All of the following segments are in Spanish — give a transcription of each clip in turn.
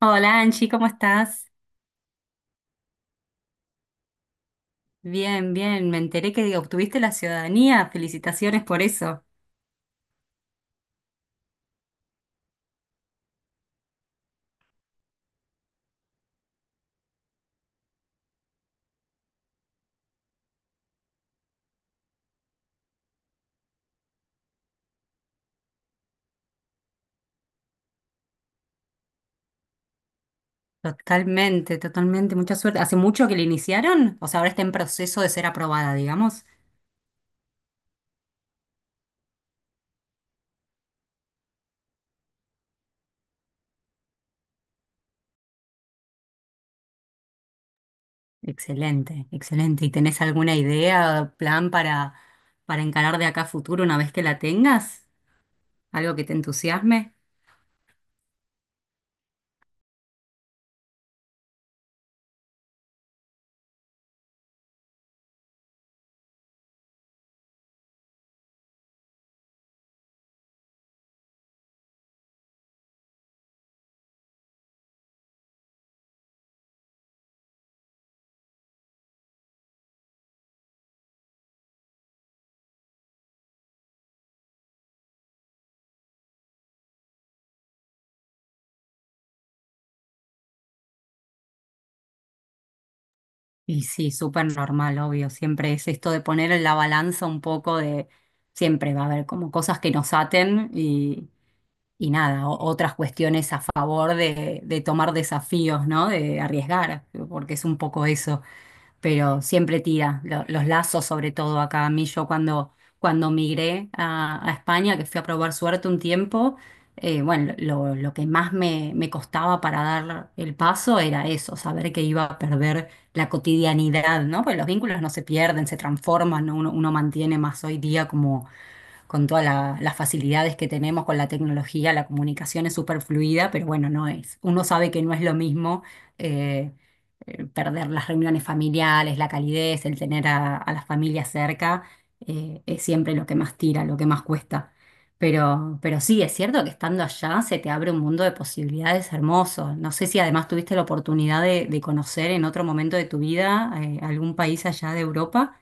Hola Angie, ¿cómo estás? Bien, bien, me enteré que obtuviste la ciudadanía, felicitaciones por eso. Totalmente, totalmente, mucha suerte. ¿Hace mucho que la iniciaron? O sea, ahora está en proceso de ser aprobada, digamos. Excelente, excelente. ¿Y tenés alguna idea, plan para encarar de acá a futuro una vez que la tengas? ¿Algo que te entusiasme? Y sí, súper normal, obvio. Siempre es esto de poner en la balanza un poco de... Siempre va a haber como cosas que nos aten y nada, o- otras cuestiones a favor de tomar desafíos, ¿no? De arriesgar, porque es un poco eso, pero siempre tira los lazos, sobre todo acá. A mí yo cuando migré a España, que fui a probar suerte un tiempo, bueno, lo que más me costaba para dar el paso era eso, saber que iba a perder la cotidianidad, ¿no? Porque los vínculos no se pierden, se transforman, ¿no? Uno mantiene más hoy día como con todas las facilidades que tenemos con la tecnología, la comunicación es súper fluida, pero bueno, no es. Uno sabe que no es lo mismo eh, perder las reuniones familiares, la calidez, el tener a las familias cerca, es siempre lo que más tira, lo que más cuesta. Pero sí, es cierto que estando allá se te abre un mundo de posibilidades hermosos. No sé si además tuviste la oportunidad de conocer en otro momento de tu vida algún país allá de Europa.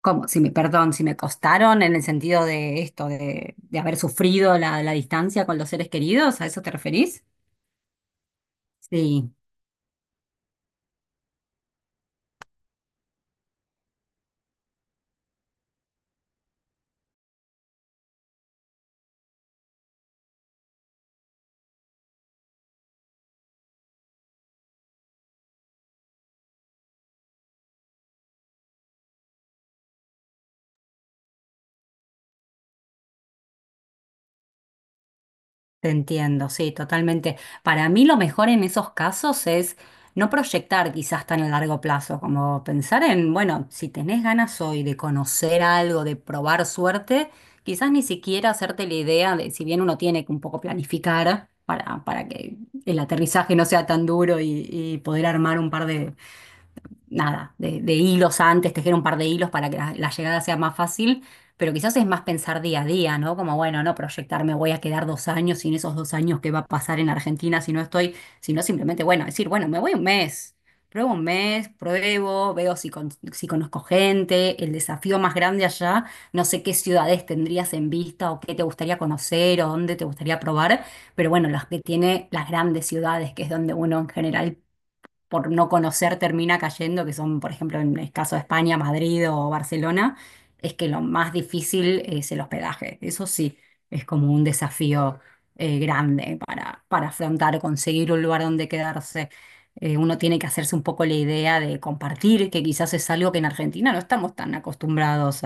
Como si me, perdón, si me costaron en el sentido de esto, de haber sufrido la, la distancia con los seres queridos, ¿a eso te referís? Sí, te entiendo, sí, totalmente. Para mí lo mejor en esos casos es no proyectar quizás tan a largo plazo, como pensar en, bueno, si tenés ganas hoy de conocer algo, de probar suerte, quizás ni siquiera hacerte la idea de, si bien uno tiene que un poco planificar para que el aterrizaje no sea tan duro y poder armar un par de nada, de hilos antes, tejer un par de hilos para que la llegada sea más fácil, pero quizás es más pensar día a día, ¿no? Como, bueno, no proyectarme, voy a quedar dos años sin esos dos años que va a pasar en Argentina si no estoy, sino simplemente, bueno, decir, bueno, me voy un mes. Pruebo un mes, pruebo, veo si, si conozco gente, el desafío más grande allá, no sé qué ciudades tendrías en vista o qué te gustaría conocer o dónde te gustaría probar, pero bueno, las que tiene las grandes ciudades, que es donde uno en general por no conocer termina cayendo, que son, por ejemplo, en el caso de España, Madrid o Barcelona, es que lo más difícil es el hospedaje. Eso sí, es como un desafío grande para afrontar, conseguir un lugar donde quedarse. Uno tiene que hacerse un poco la idea de compartir, que quizás es algo que en Argentina no estamos tan acostumbrados.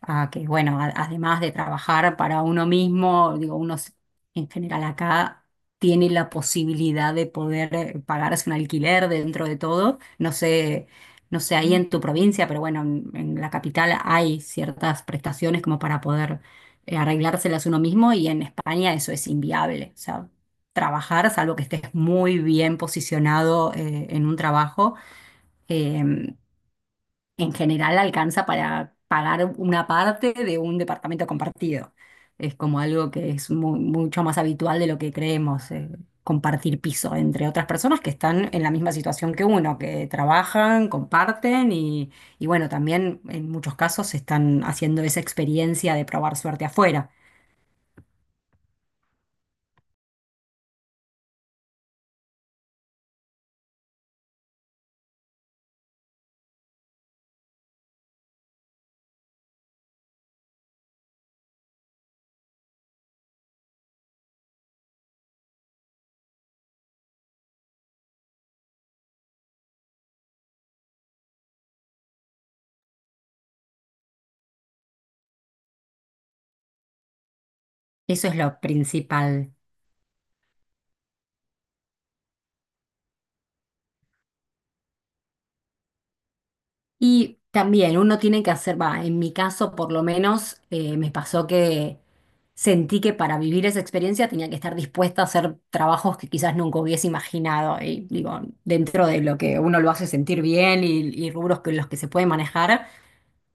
Ah, que bueno, además de trabajar para uno mismo, digo, en general acá tiene la posibilidad de poder pagarse un alquiler dentro de todo. No sé, no sé ahí, mm, en tu provincia, pero bueno, en la capital hay ciertas prestaciones como para poder arreglárselas uno mismo y en España eso es inviable. O sea, trabajar, salvo que estés muy bien posicionado en un trabajo. em, en general alcanza para pagar una parte de un departamento compartido. Es como algo que es mucho más habitual de lo que creemos, compartir piso entre otras personas que están en la misma situación que uno, que trabajan, comparten y bueno, también en muchos casos están haciendo esa experiencia de probar suerte afuera. Eso es lo principal. Y también uno tiene que hacer, va, en mi caso por lo menos me pasó que sentí que para vivir esa experiencia tenía que estar dispuesta a hacer trabajos que quizás nunca hubiese imaginado. Y digo, dentro de lo que uno lo hace sentir bien y rubros que los que se puede manejar,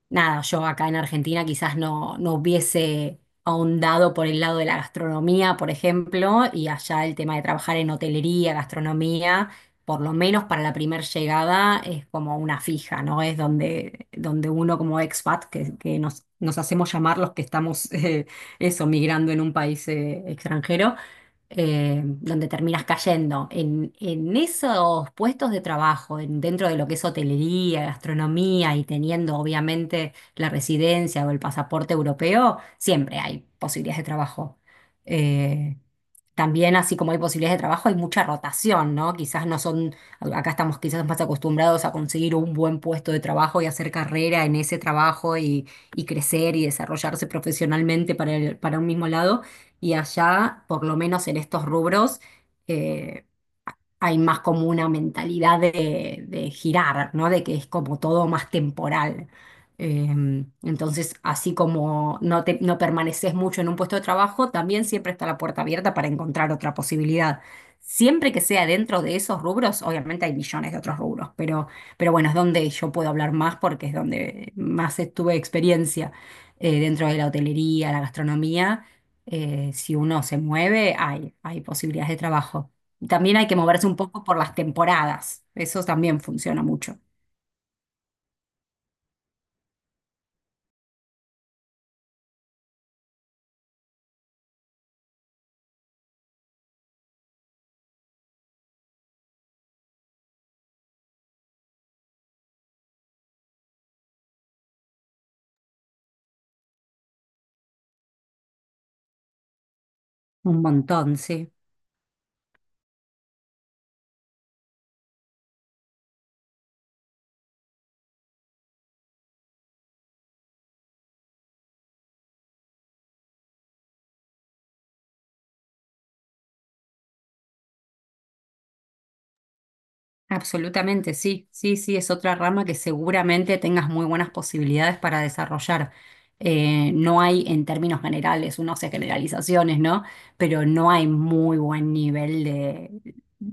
nada, yo acá en Argentina quizás no, no hubiese ahondado por el lado de la gastronomía, por ejemplo, y allá el tema de trabajar en hotelería, gastronomía, por lo menos para la primer llegada es como una fija, ¿no? Es donde, donde uno como expat, que nos, nos hacemos llamar los que estamos, eso, migrando en un país extranjero donde terminas cayendo. En esos puestos de trabajo, dentro de lo que es hotelería, gastronomía y teniendo obviamente la residencia o el pasaporte europeo, siempre hay posibilidades de trabajo. eh, También, así como hay posibilidades de trabajo, hay mucha rotación, ¿no? Quizás no son, acá estamos quizás más acostumbrados a conseguir un buen puesto de trabajo y hacer carrera en ese trabajo y crecer y desarrollarse profesionalmente para, para un mismo lado. Y allá, por lo menos en estos rubros, eh, hay más como una mentalidad de girar, ¿no? De que es como todo más temporal. Entonces, así como no, te, no permaneces mucho en un puesto de trabajo, también siempre está la puerta abierta para encontrar otra posibilidad. Siempre que sea dentro de esos rubros, obviamente hay millones de otros rubros, pero bueno, es donde yo puedo hablar más porque es donde más tuve experiencia dentro de la hotelería, la gastronomía. Si uno se mueve, hay posibilidades de trabajo. También hay que moverse un poco por las temporadas. Eso también funciona mucho. Un montón, sí. Absolutamente, sí. Sí, sí, es otra rama que seguramente tengas muy buenas posibilidades para desarrollar. No hay, en términos generales, uno hace generalizaciones, ¿no? Pero no hay muy buen nivel de,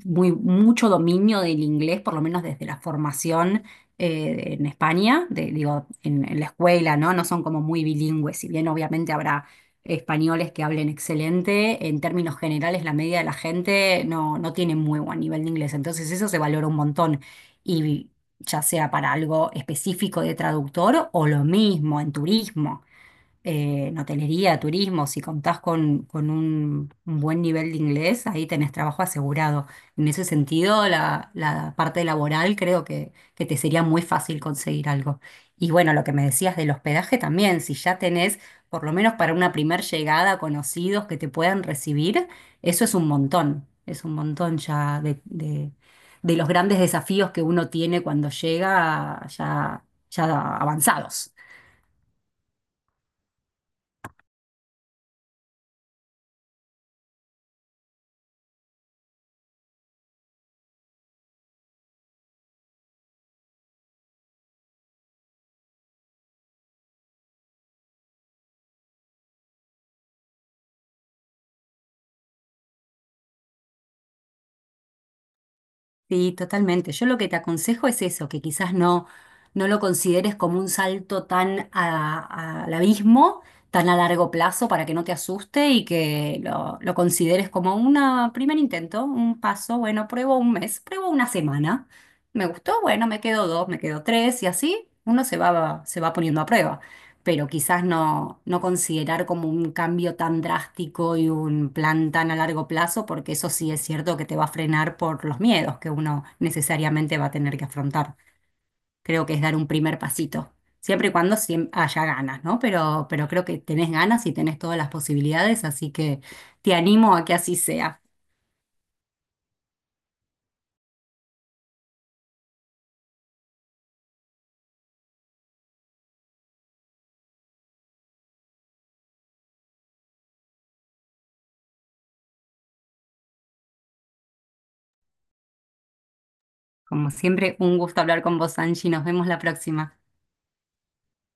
muy, mucho dominio del inglés, por lo menos desde la formación en España, digo, en la escuela, ¿no? No son como muy bilingües, si bien obviamente habrá españoles que hablen excelente. En términos generales, la media de la gente no, no tiene muy buen nivel de inglés, entonces eso se valora un montón. Y ya sea para algo específico de traductor o lo mismo en turismo en hotelería, turismo, si contás con un buen nivel de inglés, ahí tenés trabajo asegurado. En ese sentido, la parte laboral creo que te sería muy fácil conseguir algo. Y bueno, lo que me decías del hospedaje también, si ya tenés, por lo menos para una primer llegada, conocidos que te puedan recibir, eso es un montón ya de, de los grandes desafíos que uno tiene cuando llega ya, ya avanzados. Sí, totalmente. Yo lo que te aconsejo es eso, que quizás no, no lo consideres como un salto al abismo, tan a largo plazo para que no te asuste y que lo consideres como un primer intento, un paso. Bueno, pruebo un mes, pruebo una semana. Me gustó, bueno, me quedo dos, me quedo tres y así uno se va poniendo a prueba, pero quizás no, no considerar como un cambio tan drástico y un plan tan a largo plazo, porque eso sí es cierto que te va a frenar por los miedos que uno necesariamente va a tener que afrontar. Creo que es dar un primer pasito, siempre y cuando haya ganas, ¿no? Pero creo que tenés ganas y tenés todas las posibilidades, así que te animo a que así sea. Como siempre, un gusto hablar con vos, Angie. Nos vemos la próxima.